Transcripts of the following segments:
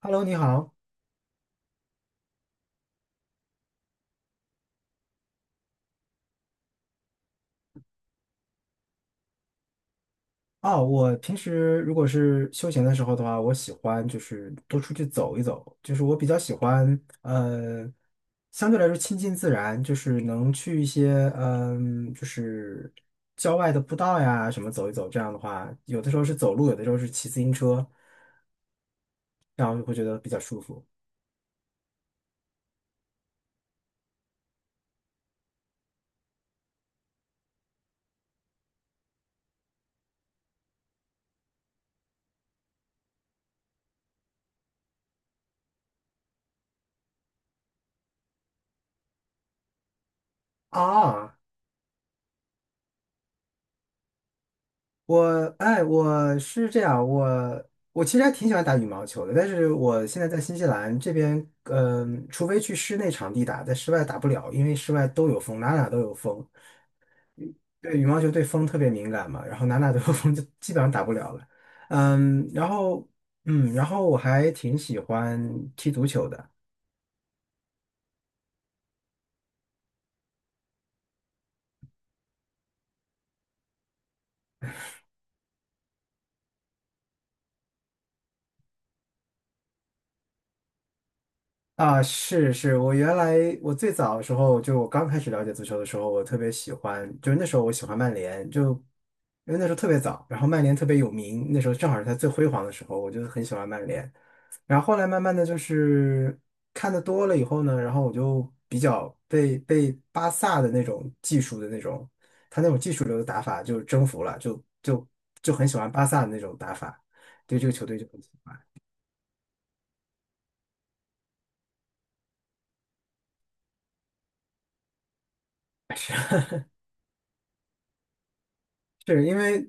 Hello，你好。哦，我平时如果是休闲的时候的话，我喜欢就是多出去走一走，就是我比较喜欢，相对来说亲近自然，就是能去一些，就是郊外的步道呀什么走一走。这样的话，有的时候是走路，有的时候是骑自行车，这样就会觉得比较舒服啊。我哎，我是这样，我其实还挺喜欢打羽毛球的，但是我现在在新西兰这边，除非去室内场地打，在室外打不了，因为室外都有风，哪哪都有风。对，羽毛球对风特别敏感嘛，然后哪哪都有风，就基本上打不了了。嗯，然后嗯，然后我还挺喜欢踢足球的。啊，是是，我原来我最早的时候，就我刚开始了解足球的时候，我特别喜欢，就是那时候我喜欢曼联，就因为那时候特别早，然后曼联特别有名，那时候正好是他最辉煌的时候，我就很喜欢曼联。然后后来慢慢的就是看的多了以后呢，然后我就比较被巴萨的那种技术的那种，他那种技术流的打法就征服了，就就很喜欢巴萨的那种打法，对这个球队就很喜欢。是因为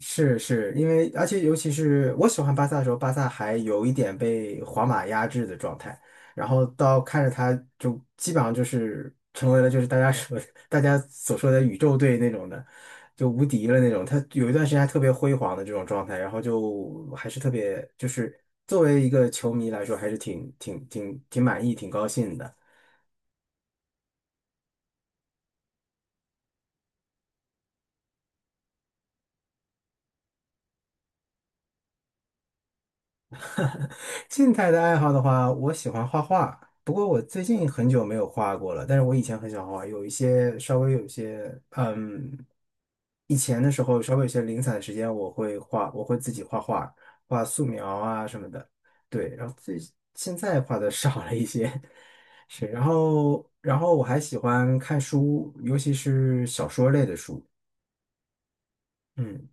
是是因为，而且尤其是我喜欢巴萨的时候，巴萨还有一点被皇马压制的状态，然后到看着他就基本上就是成为了就是大家说 大家所说的宇宙队那种的，就无敌了那种。他有一段时间还特别辉煌的这种状态，然后就还是特别就是作为一个球迷来说，还是挺满意、挺高兴的。静态的爱好的话，我喜欢画画，不过我最近很久没有画过了。但是我以前很喜欢画画，有一些稍微有一些，嗯，以前的时候稍微有些零散的时间，我会画，我会自己画画，画素描啊什么的。对，然后最现在画的 少了一些，是，然后我还喜欢看书，尤其是小说类的书。嗯，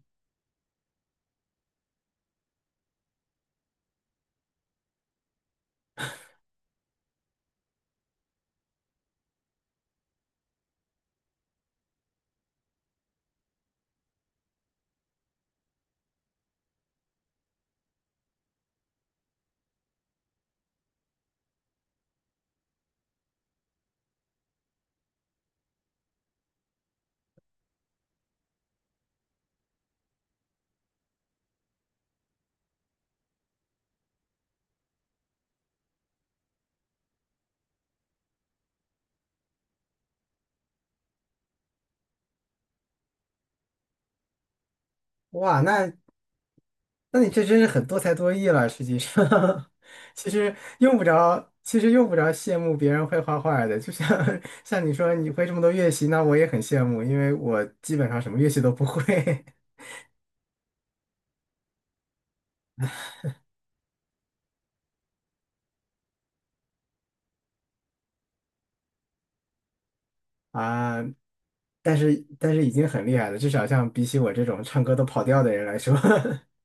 哇，那你这真是很多才多艺了，实际上，其实用不着，其实用不着羡慕别人会画画的。就像 像你说你会这么多乐器，那我也很羡慕，因为我基本上什么乐器都不会 啊。但是但是已经很厉害了，至少像比起我这种唱歌都跑调的人来说，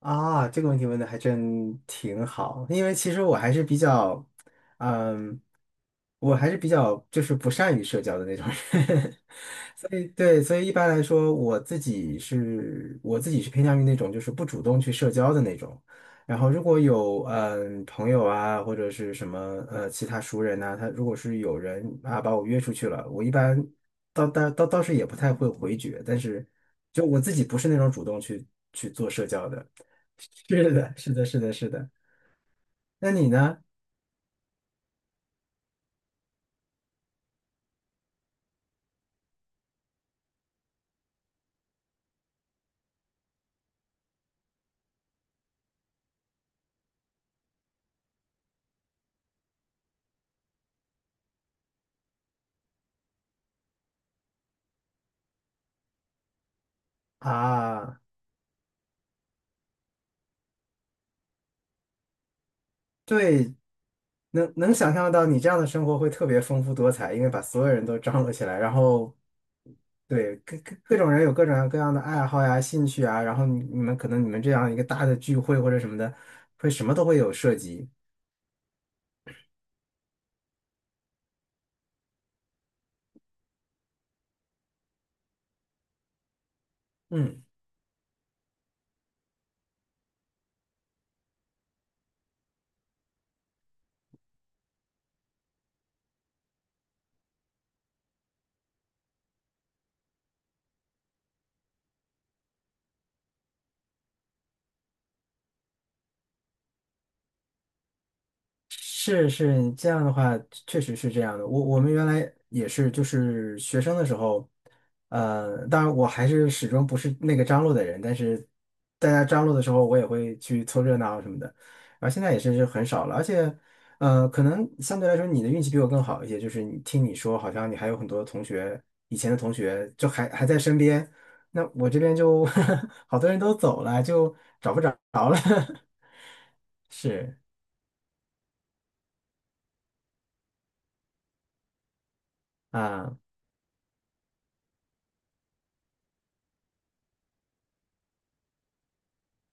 啊，这个问题问的还真挺好，因为其实我还是比较，嗯，我还是比较就是不善于社交的那种人，所以对，所以一般来说，我自己是偏向于那种就是不主动去社交的那种，然后如果有嗯朋友啊或者是什么其他熟人呐、他如果是有人啊把我约出去了，我一般倒是也不太会回绝，但是就我自己不是那种主动去去做社交的。是的，是的，是的，是的。那你呢？啊，对，能能想象到你这样的生活会特别丰富多彩，因为把所有人都张罗起来，然后对各种人有各种各样的爱好呀、兴趣啊，然后你们可能你们这样一个大的聚会或者什么的，会什么都会有涉及。嗯。是是，你这样的话确实是这样的。我们原来也是，就是学生的时候，当然我还是始终不是那个张罗的人，但是大家张罗的时候，我也会去凑热闹什么的。然后现在也是就很少了，而且，可能相对来说你的运气比我更好一些，就是你听你说，好像你还有很多同学，以前的同学就还还在身边，那我这边就 好多人都走了，就找不着了，是。啊，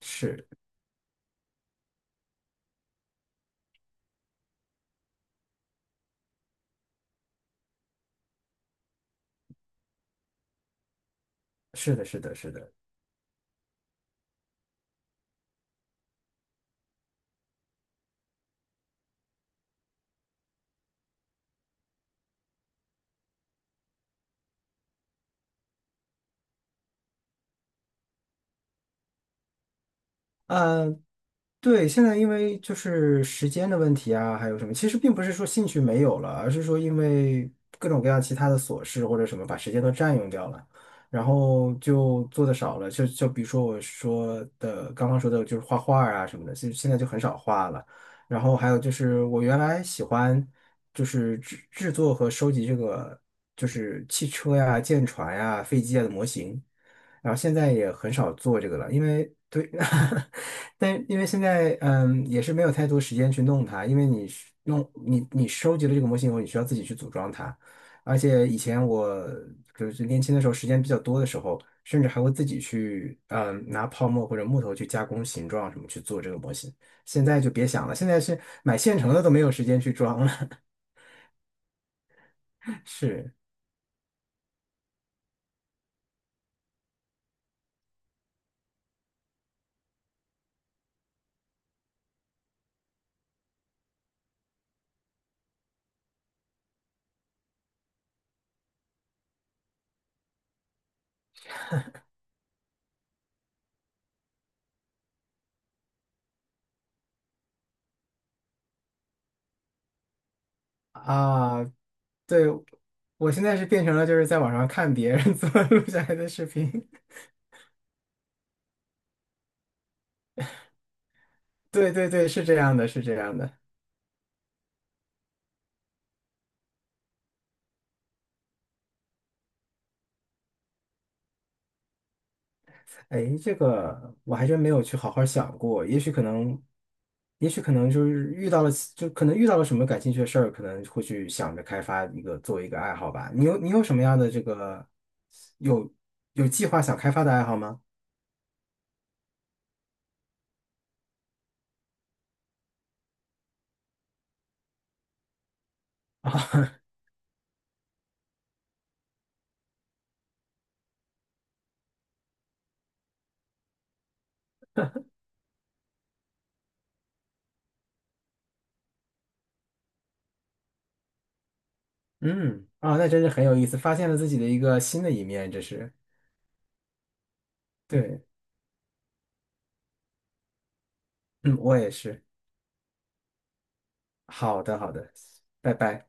是，是的，是的，是的，呃，对，现在因为就是时间的问题啊，还有什么，其实并不是说兴趣没有了，而是说因为各种各样其他的琐事或者什么把时间都占用掉了，然后就做的少了，就比如说我说的刚刚说的就是画画啊什么的，就现在就很少画了，然后还有就是我原来喜欢就是制作和收集这个就是汽车呀、舰船呀、飞机呀的模型。然后现在也很少做这个了，因为对，但因为现在也是没有太多时间去弄它，因为你是弄你收集了这个模型以后，你需要自己去组装它，而且以前我就是年轻的时候时间比较多的时候，甚至还会自己去拿泡沫或者木头去加工形状什么去做这个模型，现在就别想了，现在是买现成的都没有时间去装了，是。啊，对，我现在是变成了就是在网上看别人 怎么录下来的视频。对对对，是这样的，是这样的。哎，这个我还真没有去好好想过，也许可能，也许可能就是遇到了，就可能遇到了什么感兴趣的事儿，可能会去想着开发一个做一个爱好吧。你有什么样的这个有有计划想开发的爱好吗？啊，嗯，啊，那真是很有意思，发现了自己的一个新的一面，这是。对，嗯，我也是。好的，好的，拜拜。